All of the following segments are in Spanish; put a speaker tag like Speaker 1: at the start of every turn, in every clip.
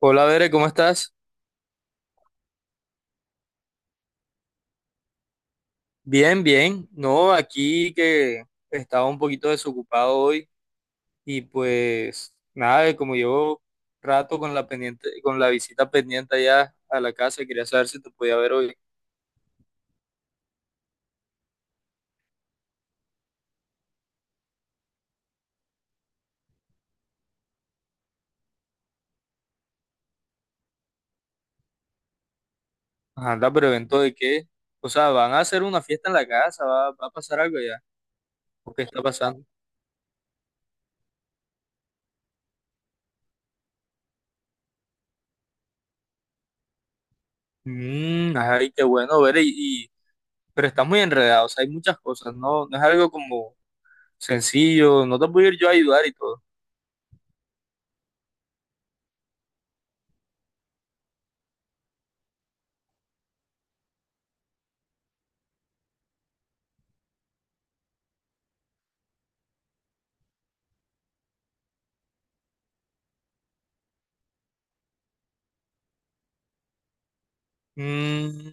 Speaker 1: Hola, Bere, ¿cómo estás? Bien, bien. No, aquí que estaba un poquito desocupado hoy y pues nada, como llevo rato con la visita pendiente allá a la casa, quería saber si te podía ver hoy. Ajá, anda, pero ¿evento de qué? O sea, ¿van a hacer una fiesta en la casa? ¿Va a pasar algo allá? ¿O qué está pasando? Ay, qué bueno, Bere, pero estás muy enredado, o sea, hay muchas cosas, no, no es algo como sencillo, no te puedo ir yo a ayudar y todo. Mm,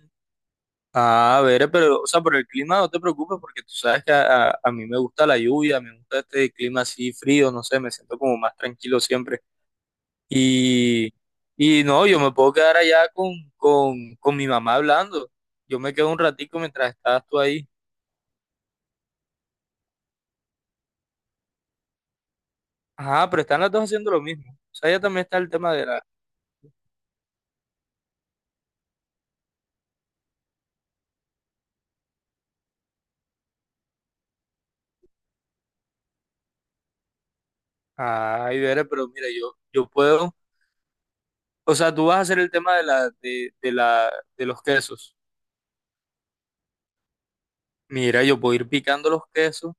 Speaker 1: Ah a ver, pero, o sea, por el clima no te preocupes porque tú sabes que a mí me gusta la lluvia, me gusta este clima así frío, no sé, me siento como más tranquilo siempre. Y, y no, yo me puedo quedar allá con mi mamá hablando. Yo me quedo un ratico mientras estás tú ahí. Ajá, pero están las dos haciendo lo mismo. O sea, ya también está el tema de la. Ay, Vera, pero mira, yo puedo. O sea, tú vas a hacer el tema de los quesos. Mira, yo puedo ir picando los quesos.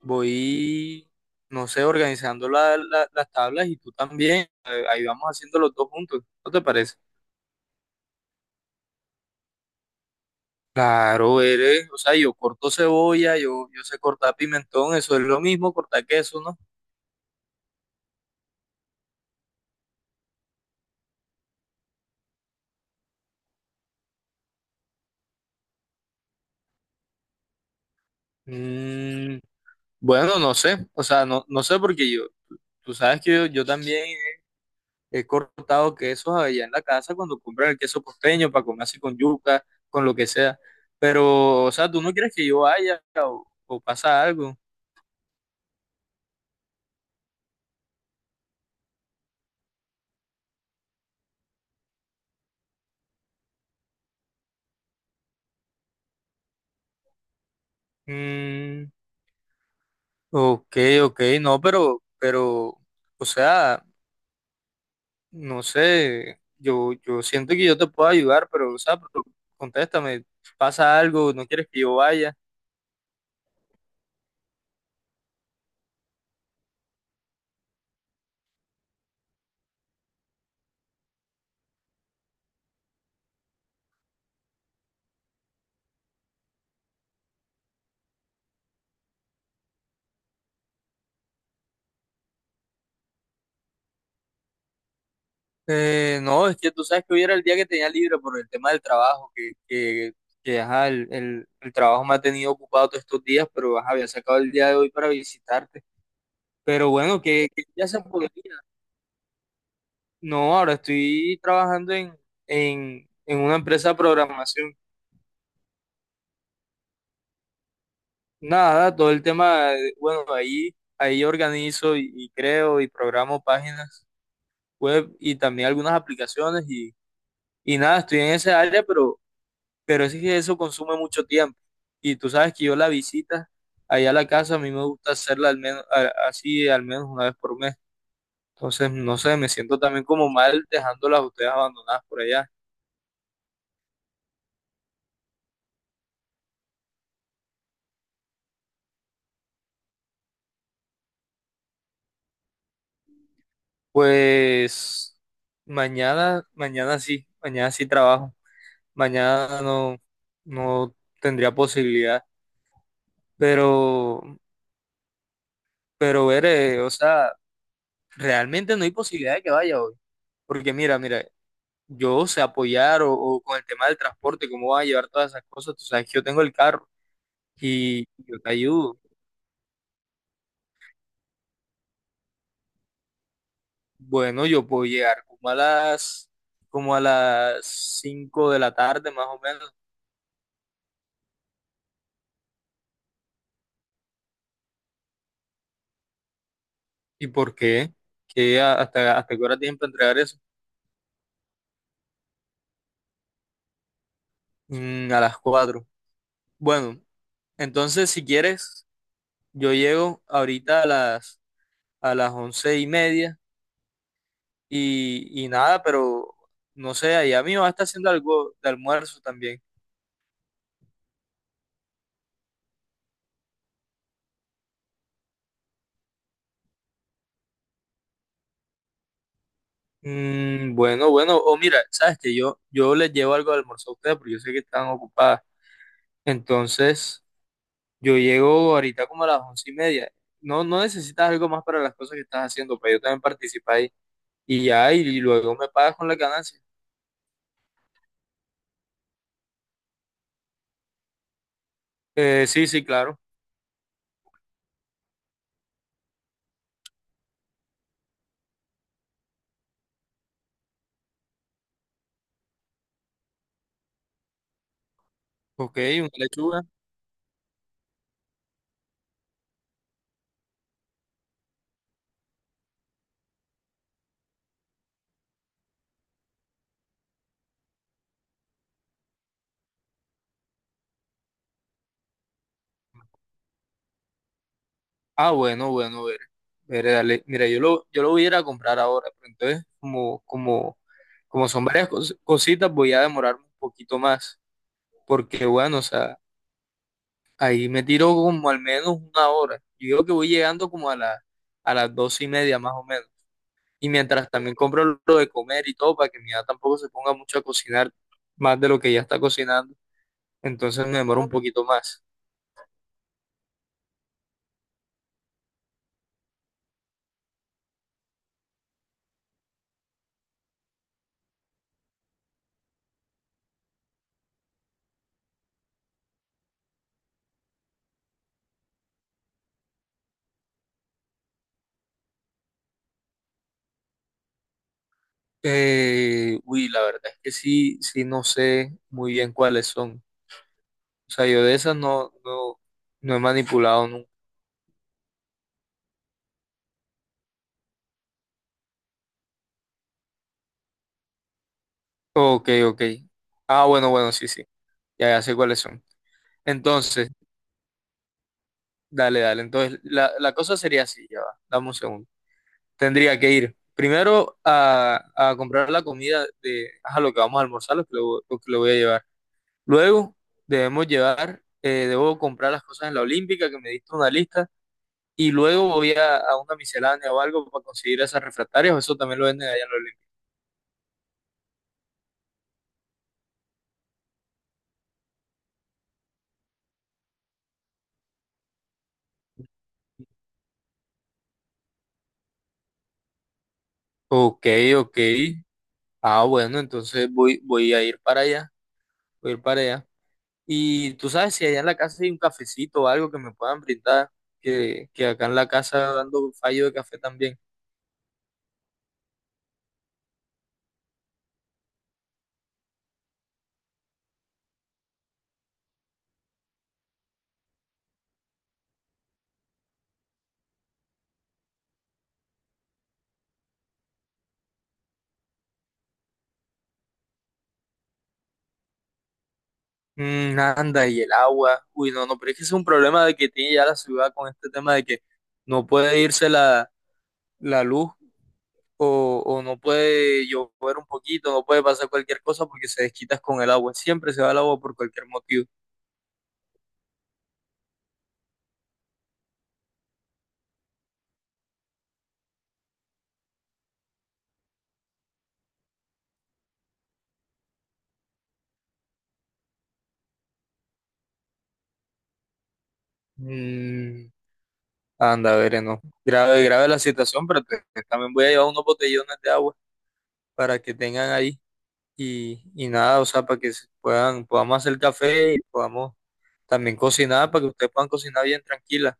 Speaker 1: Voy, no sé, organizando las tablas y tú también. Ahí vamos haciendo los dos juntos. ¿No te parece? Claro, o sea, yo corto cebolla, yo sé cortar pimentón, eso es lo mismo, cortar queso, ¿no? Mm, bueno, no sé, o sea, no, no sé porque tú sabes que yo también he cortado quesos allá en la casa cuando compran el queso costeño para comer así con yuca, con lo que sea, pero, o sea, tú no quieres que yo vaya o pasa algo. Mm, Ok, ok, no, pero, o sea, no sé, yo siento que yo te puedo ayudar, pero, o sea, pero contéstame, ¿pasa algo?, ¿no quieres que yo vaya? No, es que tú sabes que hoy era el día que tenía libre por el tema del trabajo, que ajá, el trabajo me ha tenido ocupado todos estos días, pero ajá, había sacado el día de hoy para visitarte. Pero bueno, que ya se podría. No, ahora estoy trabajando en una empresa de programación. Nada, todo el tema, bueno, ahí organizo y creo y programo páginas web y también algunas aplicaciones y nada, estoy en esa área, pero es que eso consume mucho tiempo. Y tú sabes que yo la visita allá a la casa, a mí me gusta hacerla al menos, así al menos una vez por mes. Entonces, no sé, me siento también como mal dejándolas a ustedes abandonadas por allá. Pues mañana, mañana sí trabajo. Mañana no, no tendría posibilidad, pero, pero veré, o sea, realmente no hay posibilidad de que vaya hoy, porque mira, mira, yo sé apoyar o con el tema del transporte, cómo vas a llevar todas esas cosas, tú sabes que yo tengo el carro y yo te ayudo. Bueno, yo puedo llegar como a las 5 de la tarde más o menos. ¿Y por qué? ¿Qué hasta, qué hora tienen para entregar eso? A las 4. Bueno, entonces si quieres. Yo llego ahorita a las 11:30 y nada, pero no sé, allá mi mamá está haciendo algo de almuerzo también. Bueno, bueno, o mira, sabes que yo les llevo algo de almuerzo a ustedes porque yo sé que están ocupadas. Entonces, yo llego ahorita como a las 11:30. No, no necesitas algo más para las cosas que estás haciendo, pero yo también participo ahí. Y ya, luego me pagas con la ganancia. Sí, sí, claro. Ok, una lechuga. Ah, bueno, bueno, ver, ver, dale. Mira, yo lo voy a ir a comprar ahora, pero entonces, como son varias cositas, voy a demorarme un poquito más, porque bueno, o sea, ahí me tiro como al menos una hora. Yo digo que voy llegando a las 2:30 más o menos. Y mientras también compro lo de comer y todo, para que mi hija tampoco se ponga mucho a cocinar más de lo que ya está cocinando, entonces me demoro un poquito más. Uy, la verdad es que sí, sí, no sé muy bien cuáles son. O sea, yo de esas no, no, no he manipulado nunca. Ok, ok. Ah, bueno, bueno, sí, sí. Ya, ya sé cuáles son. Entonces, dale, dale. Entonces, la cosa sería así, ya va. Dame un segundo. Tendría que ir primero a comprar la comida de ajá, lo que vamos a almorzar, lo que le voy a llevar. Luego, debo comprar las cosas en la Olímpica, que me diste una lista. Y luego voy a una miscelánea o algo para conseguir esas refractarias, o eso también lo venden allá en la Olímpica. Ok, ok. Ah, bueno, entonces voy a ir para allá, voy a ir para allá. Y tú sabes si allá en la casa hay un cafecito o algo que me puedan brindar, que acá en la casa dando fallo de café también. Mm, anda, y el agua. Uy, no, no, pero es que ese es un problema de que tiene ya la ciudad con este tema de que no puede irse la luz o no puede llover un poquito, no puede pasar cualquier cosa porque se desquitas con el agua. Siempre se va el agua por cualquier motivo. Mm, anda, veré, no. Grave, grave la situación, pero también voy a llevar unos botellones de agua para que tengan ahí y nada, o sea, para que podamos hacer café y podamos también cocinar, para que ustedes puedan cocinar bien tranquila.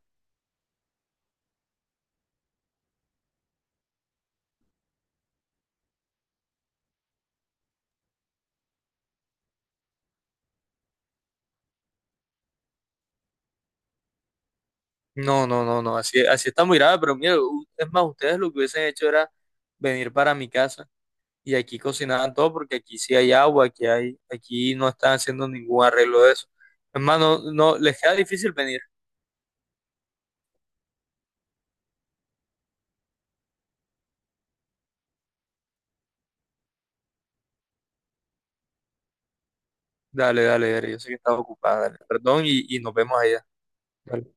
Speaker 1: No, no, no, no, así, así está muy grave, pero mira, es más, ustedes lo que hubiesen hecho era venir para mi casa y aquí cocinaban todo porque aquí sí hay agua, aquí no están haciendo ningún arreglo de eso. Es más, no, no, les queda difícil venir. Dale, dale, dale, yo sé que estás ocupada, dale, perdón y nos vemos allá. Dale,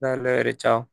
Speaker 1: dale, dale, chao.